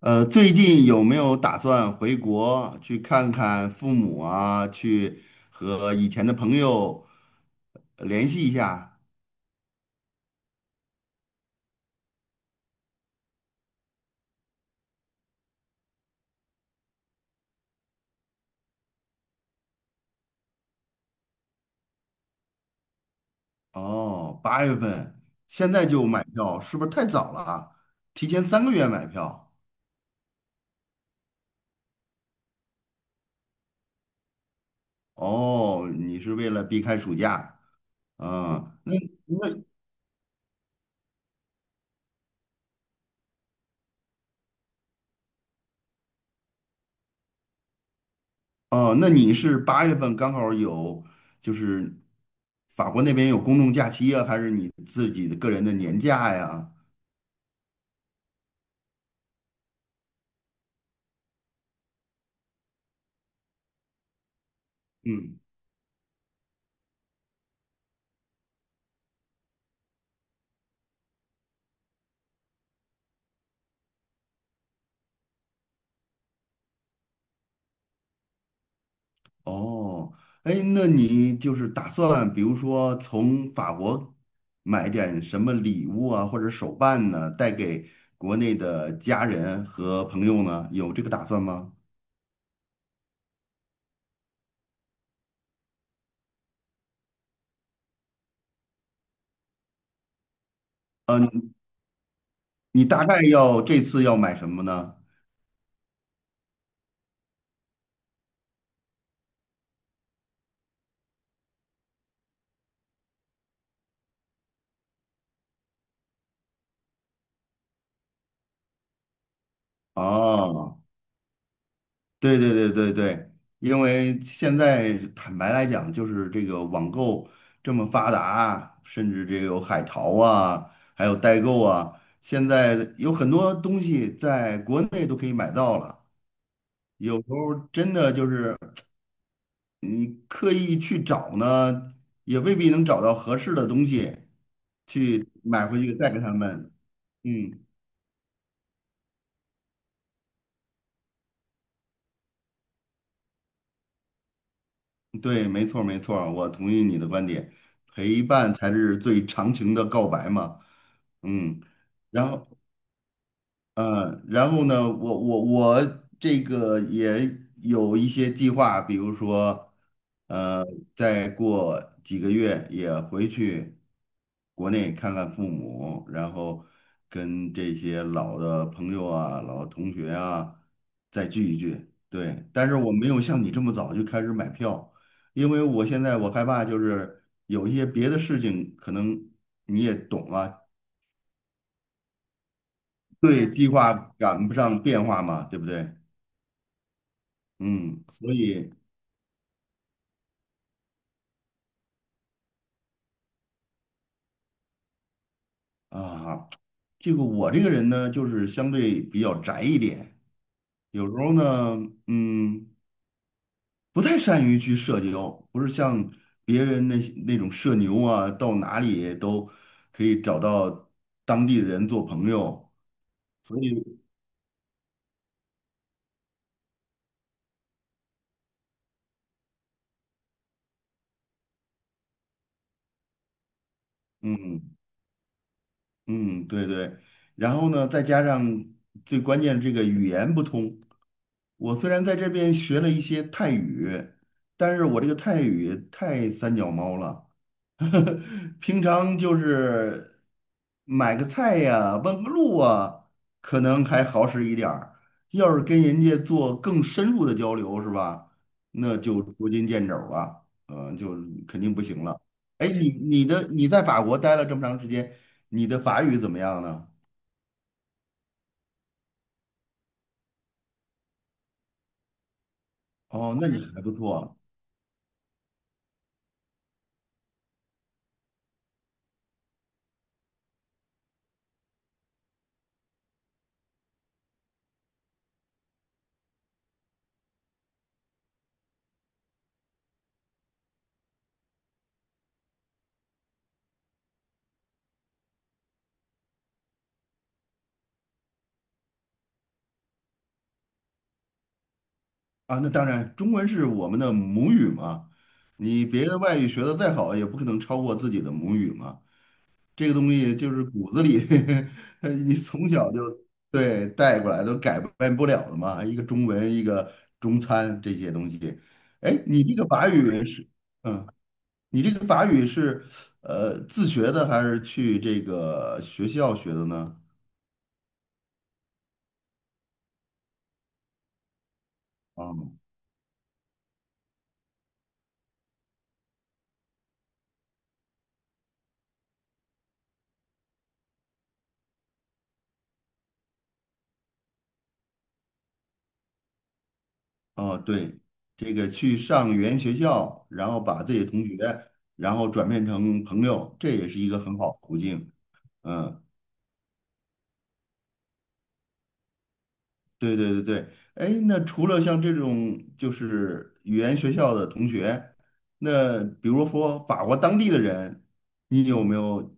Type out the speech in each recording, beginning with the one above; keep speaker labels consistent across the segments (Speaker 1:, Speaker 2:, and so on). Speaker 1: 最近有没有打算回国去看看父母啊？去和以前的朋友联系一下？哦，八月份，现在就买票，是不是太早了啊提前3个月买票？哦，你是为了避开暑假？嗯，那那哦，那你是八月份刚好有，就是法国那边有公众假期啊，还是你自己的个人的年假呀？嗯。哦，哎，那你就是打算，比如说从法国买点什么礼物啊，或者手办呢，带给国内的家人和朋友呢？有这个打算吗？呃，你大概要这次要买什么呢？哦。对对对对对，因为现在坦白来讲，就是这个网购这么发达，甚至这个有海淘啊，还有代购啊，现在有很多东西在国内都可以买到了。有时候真的就是你刻意去找呢，也未必能找到合适的东西去买回去带给他们。嗯。对，没错儿没错儿我同意你的观点，陪伴才是最长情的告白嘛。嗯，然后然后呢，我这个也有一些计划，比如说，呃，再过几个月也回去国内看看父母，然后跟这些老的朋友啊、老同学啊再聚一聚。对，但是我没有像你这么早就开始买票，因为我现在害怕就是有一些别的事情，可能你也懂啊，对，计划赶不上变化嘛，对不对？嗯，所以啊，这个我这个人呢，就是相对比较宅一点，有时候呢，嗯，不太善于去社交，不是像别人那些那种社牛啊，到哪里都可以找到当地人做朋友。嗯嗯，对对。然后呢，再加上最关键这个语言不通，我虽然在这边学了一些泰语，但是我这个泰语太三脚猫了。平常就是买个菜呀，问个路啊，可能还好使一点儿。要是跟人家做更深入的交流，是吧？那就捉襟见肘了，肯定不行了。哎，你在法国待了这么长时间，你的法语怎么样呢？哦，那你还不错啊。那当然，中文是我们的母语嘛，你别的外语学的再好，也不可能超过自己的母语嘛。这个东西就是骨子里，你从小就对带过来，都改变不了的嘛。一个中文，一个中餐这些东西。哎，嗯，你这个法语是，自学的还是去这个学校学的呢？哦哦，对，这个去上语言学校，然后把自己的同学，然后转变成朋友，这也是一个很好的途径。嗯。对对对对，哎，那除了像这种就是语言学校的同学，那比如说法国当地的人，你有没有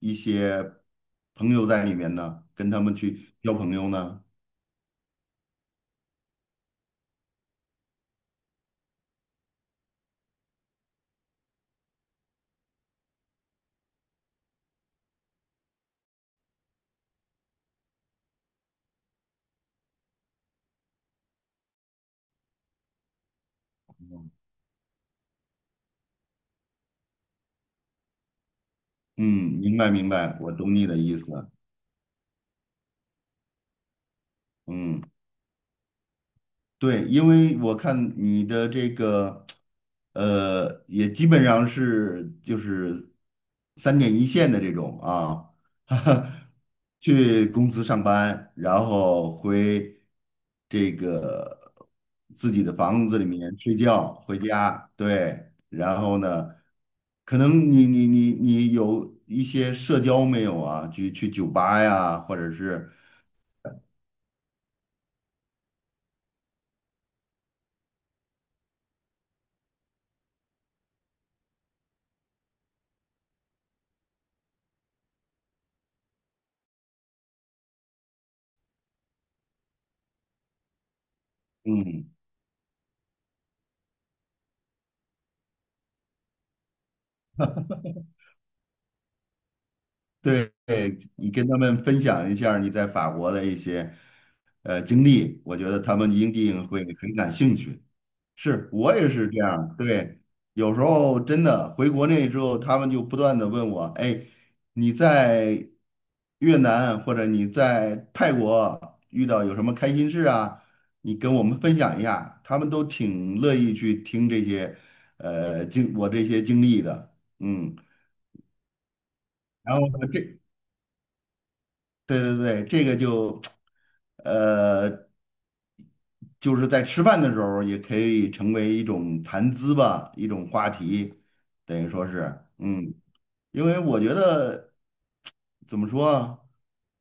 Speaker 1: 一些朋友在里面呢？跟他们去交朋友呢？嗯，明白明白，我懂你的意思。嗯。对，因为我看你的这个，也基本上是就是三点一线的这种啊，去公司上班，然后回这个自己的房子里面睡觉，回家，对，然后呢，可能你有一些社交没有啊？去去酒吧呀，或者是。嗯。对，你跟他们分享一下你在法国的一些经历，我觉得他们一定会很感兴趣。是我也是这样对，有时候真的回国内之后，他们就不断的问我，哎，你在越南或者你在泰国遇到有什么开心事啊？你跟我们分享一下，他们都挺乐意去听这些呃经我这些经历的，嗯。然后呢这对对对，呃，就是在吃饭的时候也可以成为一种谈资吧，一种话题，等于说是，嗯，因为我觉得。怎么说啊？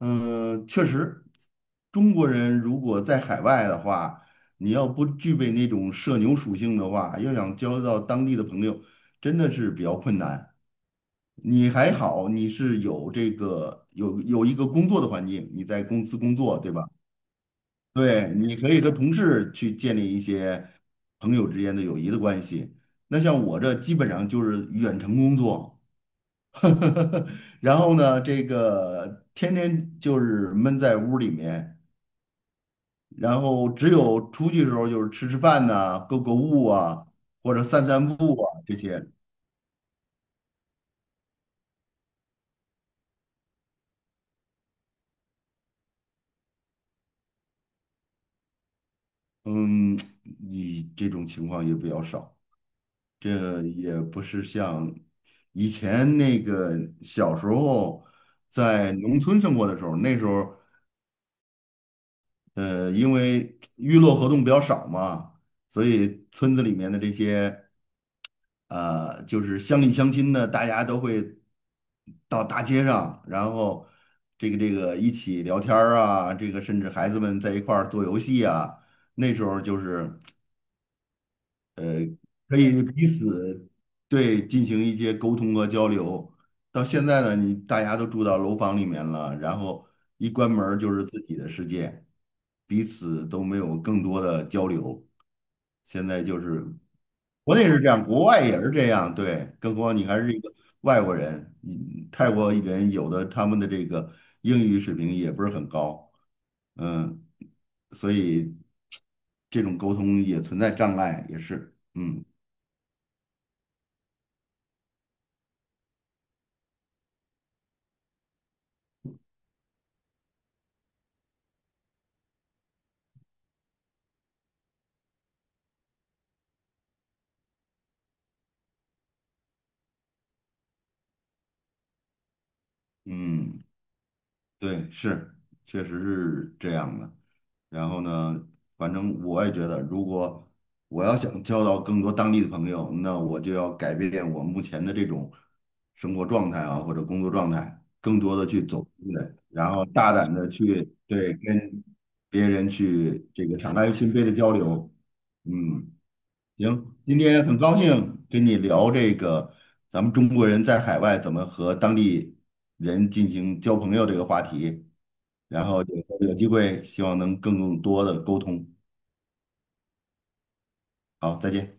Speaker 1: 嗯，确实，中国人如果在海外的话，你要不具备那种社牛属性的话，要想交到当地的朋友，真的是比较困难。你还好，你是有有一个工作的环境，你在公司工作，对吧？对，你可以和同事去建立一些朋友之间的友谊的关系。那像我这基本上就是远程工作。然后呢，这个天天就是闷在屋里面，然后只有出去的时候就是吃吃饭呐、购购物啊，或者散散步啊这些。嗯，你这种情况也比较少，这也不是像以前那个小时候在农村生活的时候，那时候因为娱乐活动比较少嘛，所以村子里面的这些。就是乡里乡亲的，大家都会到大街上，然后一起聊天儿啊，这个甚至孩子们在一块儿做游戏啊，那时候就是可以彼此对进行一些沟通和交流。到现在呢，你大家都住到楼房里面了，然后一关门儿就是自己的世界，彼此都没有更多的交流。现在就是国内是这样，国外也是这样，对，更何况你还是一个外国人，你泰国人有的他们的这个英语水平也不是很高，嗯，所以这种沟通也存在障碍，也是，嗯，对，是，确实是这样的。然后呢，反正我也觉得，如果我要想交到更多当地的朋友，那我就要改变我目前的这种生活状态啊，或者工作状态，更多的去走出来，然后大胆的去对跟别人去这个敞开心扉的交流。嗯，行，今天很高兴跟你聊这个咱们中国人在海外怎么和当地人进行交朋友这个话题。然后有机会希望能更多的沟通。好，再见。